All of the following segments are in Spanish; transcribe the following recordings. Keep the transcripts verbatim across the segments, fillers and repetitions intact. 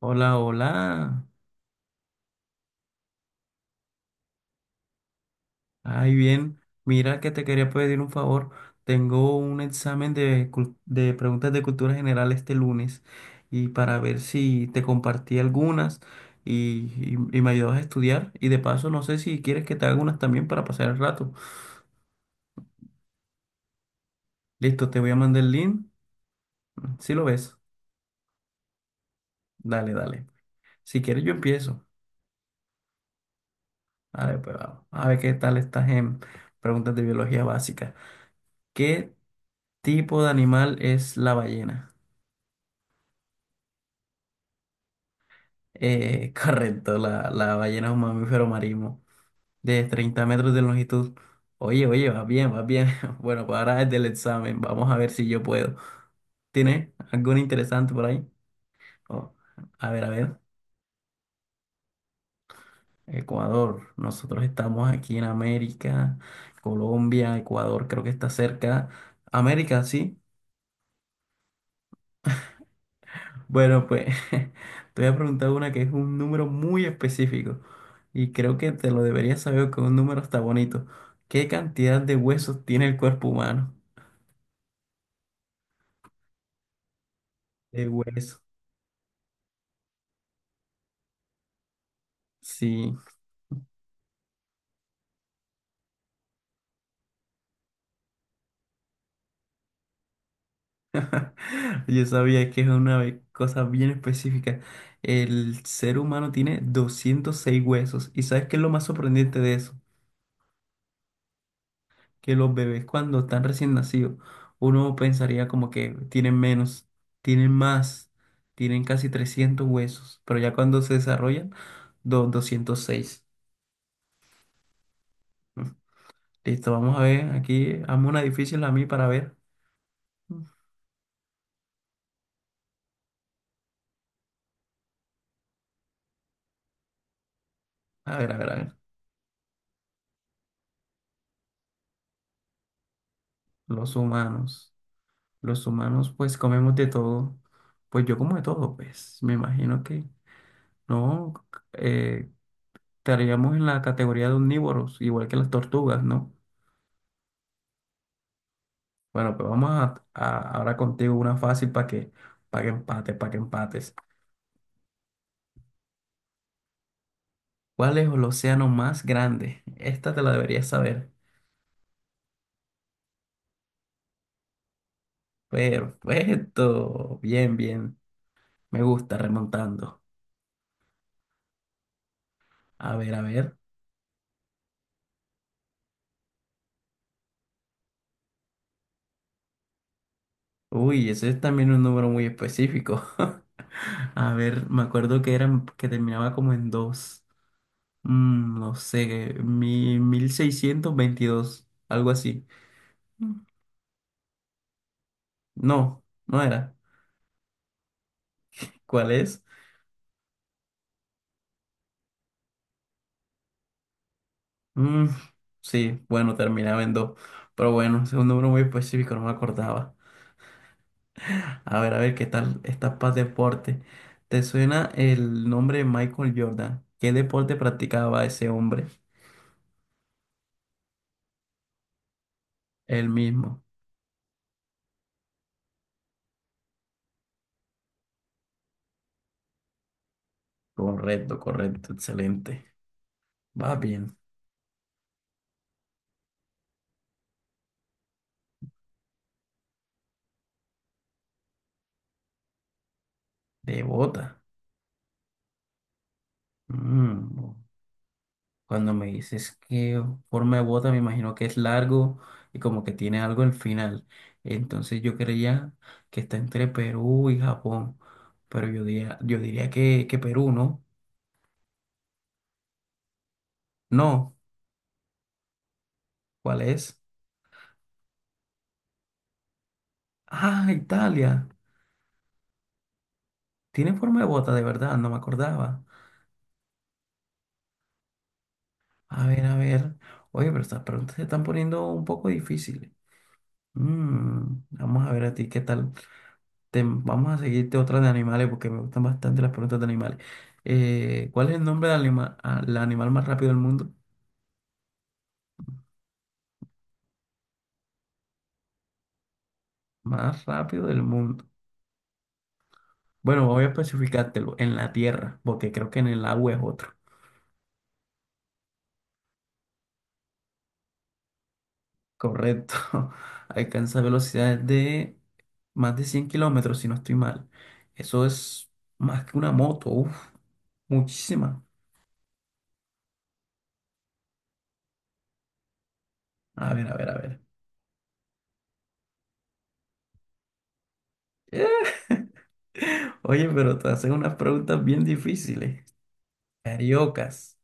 Hola, hola. Ay, bien. Mira que te quería pedir un favor. Tengo un examen de, cul- de preguntas de cultura general este lunes y para ver si te compartí algunas y, y- y me ayudas a estudiar. Y de paso, no sé si quieres que te haga unas también para pasar el rato. Listo, te voy a mandar el link. ¿Si lo ves? Dale, dale. Si quieres, yo empiezo. A ver, pues vamos. A ver qué tal estás en preguntas de biología básica. ¿Qué tipo de animal es la ballena? Eh, correcto, la, la ballena es un mamífero marino de treinta metros de longitud. Oye, oye, va bien, va bien. Bueno, pues ahora es del examen. Vamos a ver si yo puedo. ¿Tiene algo interesante por ahí? Oh, a ver, a ver. Ecuador. Nosotros estamos aquí en América. Colombia, Ecuador, creo que está cerca. América, sí. Bueno, pues te voy a preguntar una que es un número muy específico y creo que te lo deberías saber que un número está bonito. ¿Qué cantidad de huesos tiene el cuerpo humano? De huesos. Sí. Yo sabía que es una ve- cosa bien específica. El ser humano tiene doscientos seis huesos y ¿sabes qué es lo más sorprendente de eso? Que los bebés cuando están recién nacidos, uno pensaría como que tienen menos, tienen más, tienen casi trescientos huesos, pero ya cuando se desarrollan, do- doscientos seis. Mm. Listo, vamos a ver, aquí hazme una difícil a mí para ver. Mm. A ver, a ver, a ver. Los humanos, los humanos pues comemos de todo, pues yo como de todo, pues me imagino que no, eh, estaríamos en la categoría de omnívoros, igual que las tortugas, ¿no? Bueno, pues vamos a, a- ahora contigo una fácil para que, para que empate, para que empates. ¿Cuál es el océano más grande? Esta te la deberías saber. Perfecto. Bien, bien. Me gusta remontando. A ver, a ver. Uy, ese es también un número muy específico. A ver, me acuerdo que eran, que terminaba como en dos. Mm, no sé, mi, mil seiscientos veintidós algo así. Mm. No, no era. ¿Cuál es? Mm, sí, bueno, terminaba en dos. Pero bueno, es un número muy específico, no me acordaba. A ver, a ver, ¿qué tal esta paz deporte? ¿Te suena el nombre de Michael Jordan? ¿Qué deporte practicaba ese hombre? El mismo. Correcto, correcto, excelente. Va bien. Devota. Mm, cuando me dices que forma de bota, me imagino que es largo y como que tiene algo al final. Entonces yo creía que está entre Perú y Japón, pero yo diría, yo diría que, que Perú, ¿no? No, ¿cuál es? Ah, Italia. Tiene forma de bota, de verdad, no me acordaba. A ver, a ver. Oye, pero estas preguntas se están poniendo un poco difíciles. Mm, vamos a ver a ti qué tal. Te- vamos a seguirte otra de animales porque me gustan bastante las preguntas de animales. Eh, ¿cuál es el nombre del anima- al animal más rápido del mundo? Más rápido del mundo. Bueno, voy a especificártelo en la tierra, porque creo que en el agua es otro. Correcto. Alcanza velocidades de más de cien kilómetros, si no estoy mal. Eso es más que una moto. Uf, muchísima. A ver, a ver, a ver. Oye, pero te hacen unas preguntas bien difíciles. Cariocas.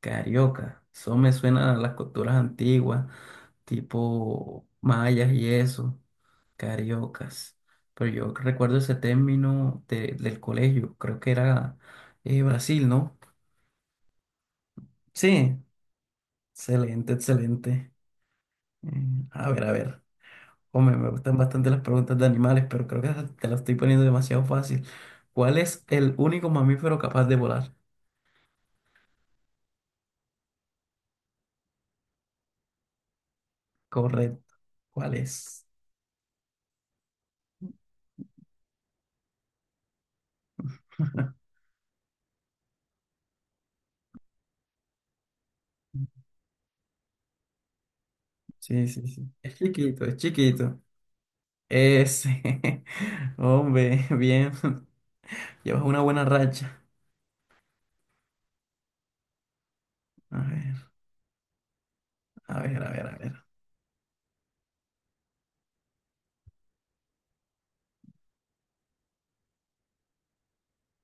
Carioca. Eso me suena a las culturas antiguas, tipo mayas y eso. Cariocas. Pero yo recuerdo ese término de- del colegio. Creo que era eh, Brasil, ¿no? Sí. Excelente, excelente. Mm, a ver, a ver. Hombre, me gustan bastante las preguntas de animales, pero creo que te las estoy poniendo demasiado fácil. ¿Cuál es el único mamífero capaz de volar? Correcto. ¿Cuál es? Sí, sí, sí. Es chiquito, es chiquito. Ese. Hombre, bien. Llevas una buena racha. A ver, a ver, a ver, a ver.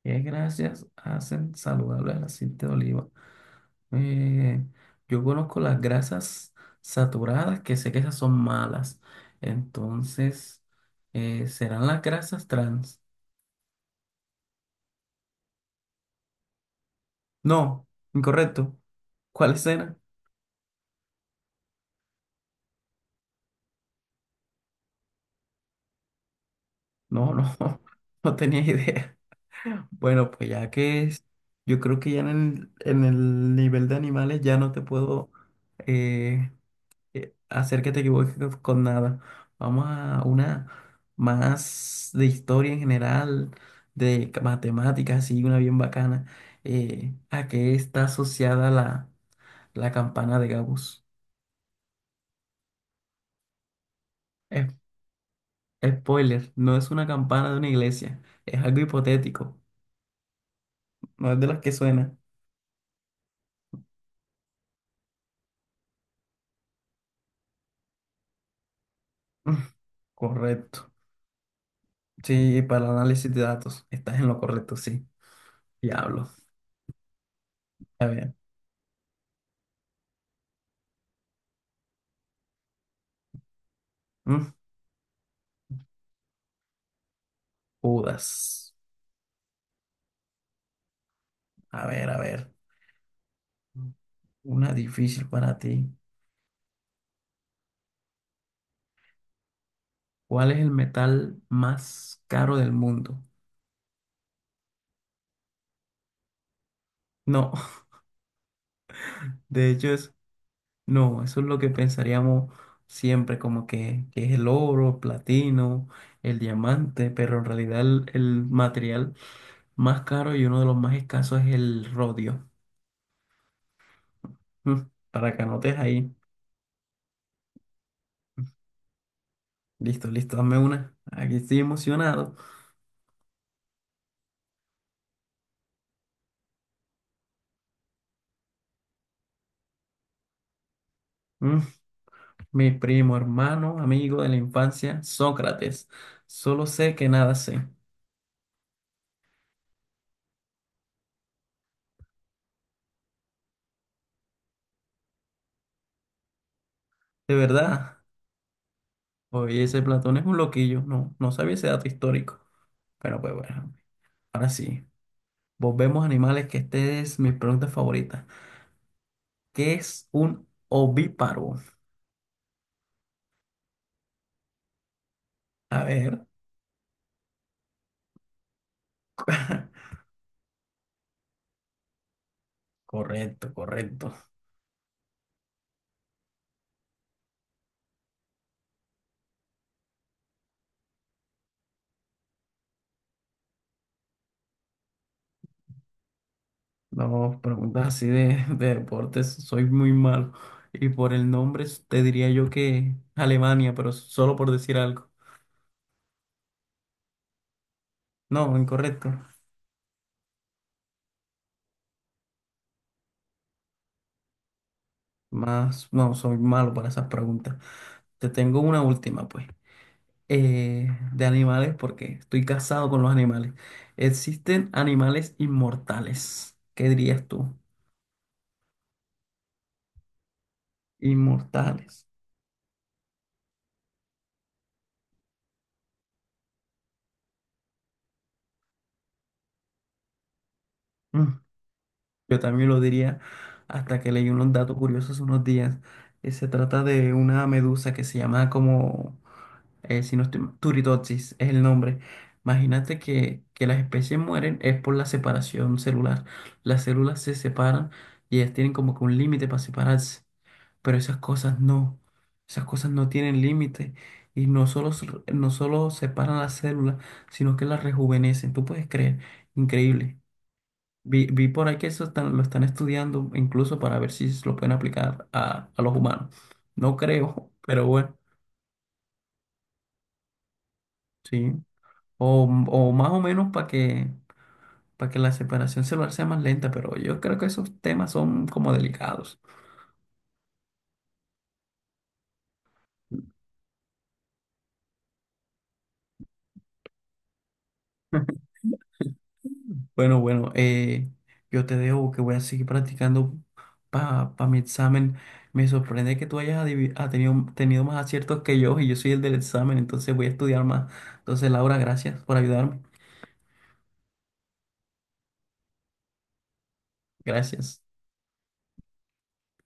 ¿Qué gracias hacen saludable el aceite de oliva? Eh, yo conozco las grasas saturadas, que sé que esas son malas. Entonces, eh, ¿serán las grasas trans? No, incorrecto. ¿Cuáles eran? No, no, no tenía idea. Bueno, pues ya que es, yo creo que ya en el, en el nivel de animales ya no te puedo eh, eh, hacer que te equivoques con nada. Vamos a una más de historia en general, de ca- matemáticas, así, una bien bacana. Eh, ¿a qué está asociada la, la campana de Gauss? Es- Spoiler, no es una campana de una iglesia, es algo hipotético, no es de las que suena. Correcto. Sí, para el análisis de datos. Estás en lo correcto, sí. Diablo. A ver. Mm, Judas. A ver, a ver. Una difícil para ti. ¿Cuál es el metal más caro del mundo? No, de hecho es, no, eso es lo que pensaríamos siempre, como que, que es el oro, el platino, el diamante, pero en realidad el, el material más caro y uno de los más escasos es el rodio. Mm, para que anotes ahí. Listo, listo, dame una. Aquí estoy emocionado. Mm, mi primo, hermano, amigo de la infancia, Sócrates. Solo sé que nada sé. De verdad. Oye, ese Platón es un loquillo. No, no sabía ese dato histórico. Pero pues bueno, ahora sí. Volvemos a animales, que esta es mi pregunta favorita. ¿Qué es un ovíparo? A ver. Correcto, correcto. No, preguntas así de, de deportes, soy muy malo. Y por el nombre te diría yo que Alemania, pero solo por decir algo. No, incorrecto. Más, no, soy malo para esas preguntas. Te tengo una última, pues. Eh, de animales, porque estoy casado con los animales. ¿Existen animales inmortales? ¿Qué dirías tú? Inmortales. Mm, yo también lo diría hasta que leí unos datos curiosos unos días. Eh, se trata de una medusa que se llama como eh, si no estoy mal, Turritopsis es el nombre. Imagínate que, que las especies mueren es por la separación celular. Las células se separan y ellas tienen como que un límite para separarse. Pero esas cosas no. Esas cosas no tienen límite. Y no solo, se- no solo separan las células, sino que las rejuvenecen. Tú puedes creer. Increíble. Vi, vi por ahí que eso están- lo están estudiando incluso para ver si lo pueden aplicar a, a los humanos. No creo, pero bueno, sí. O, o más o menos para que, para que la separación celular sea más lenta, pero yo creo que esos temas son como delicados. Bueno, bueno, eh, yo te dejo que voy a seguir practicando para mi examen. Me sorprende que tú hayas adivi- ha tenido, tenido más aciertos que yo y yo soy el del examen, entonces voy a estudiar más. Entonces, Laura, gracias por ayudarme. Gracias.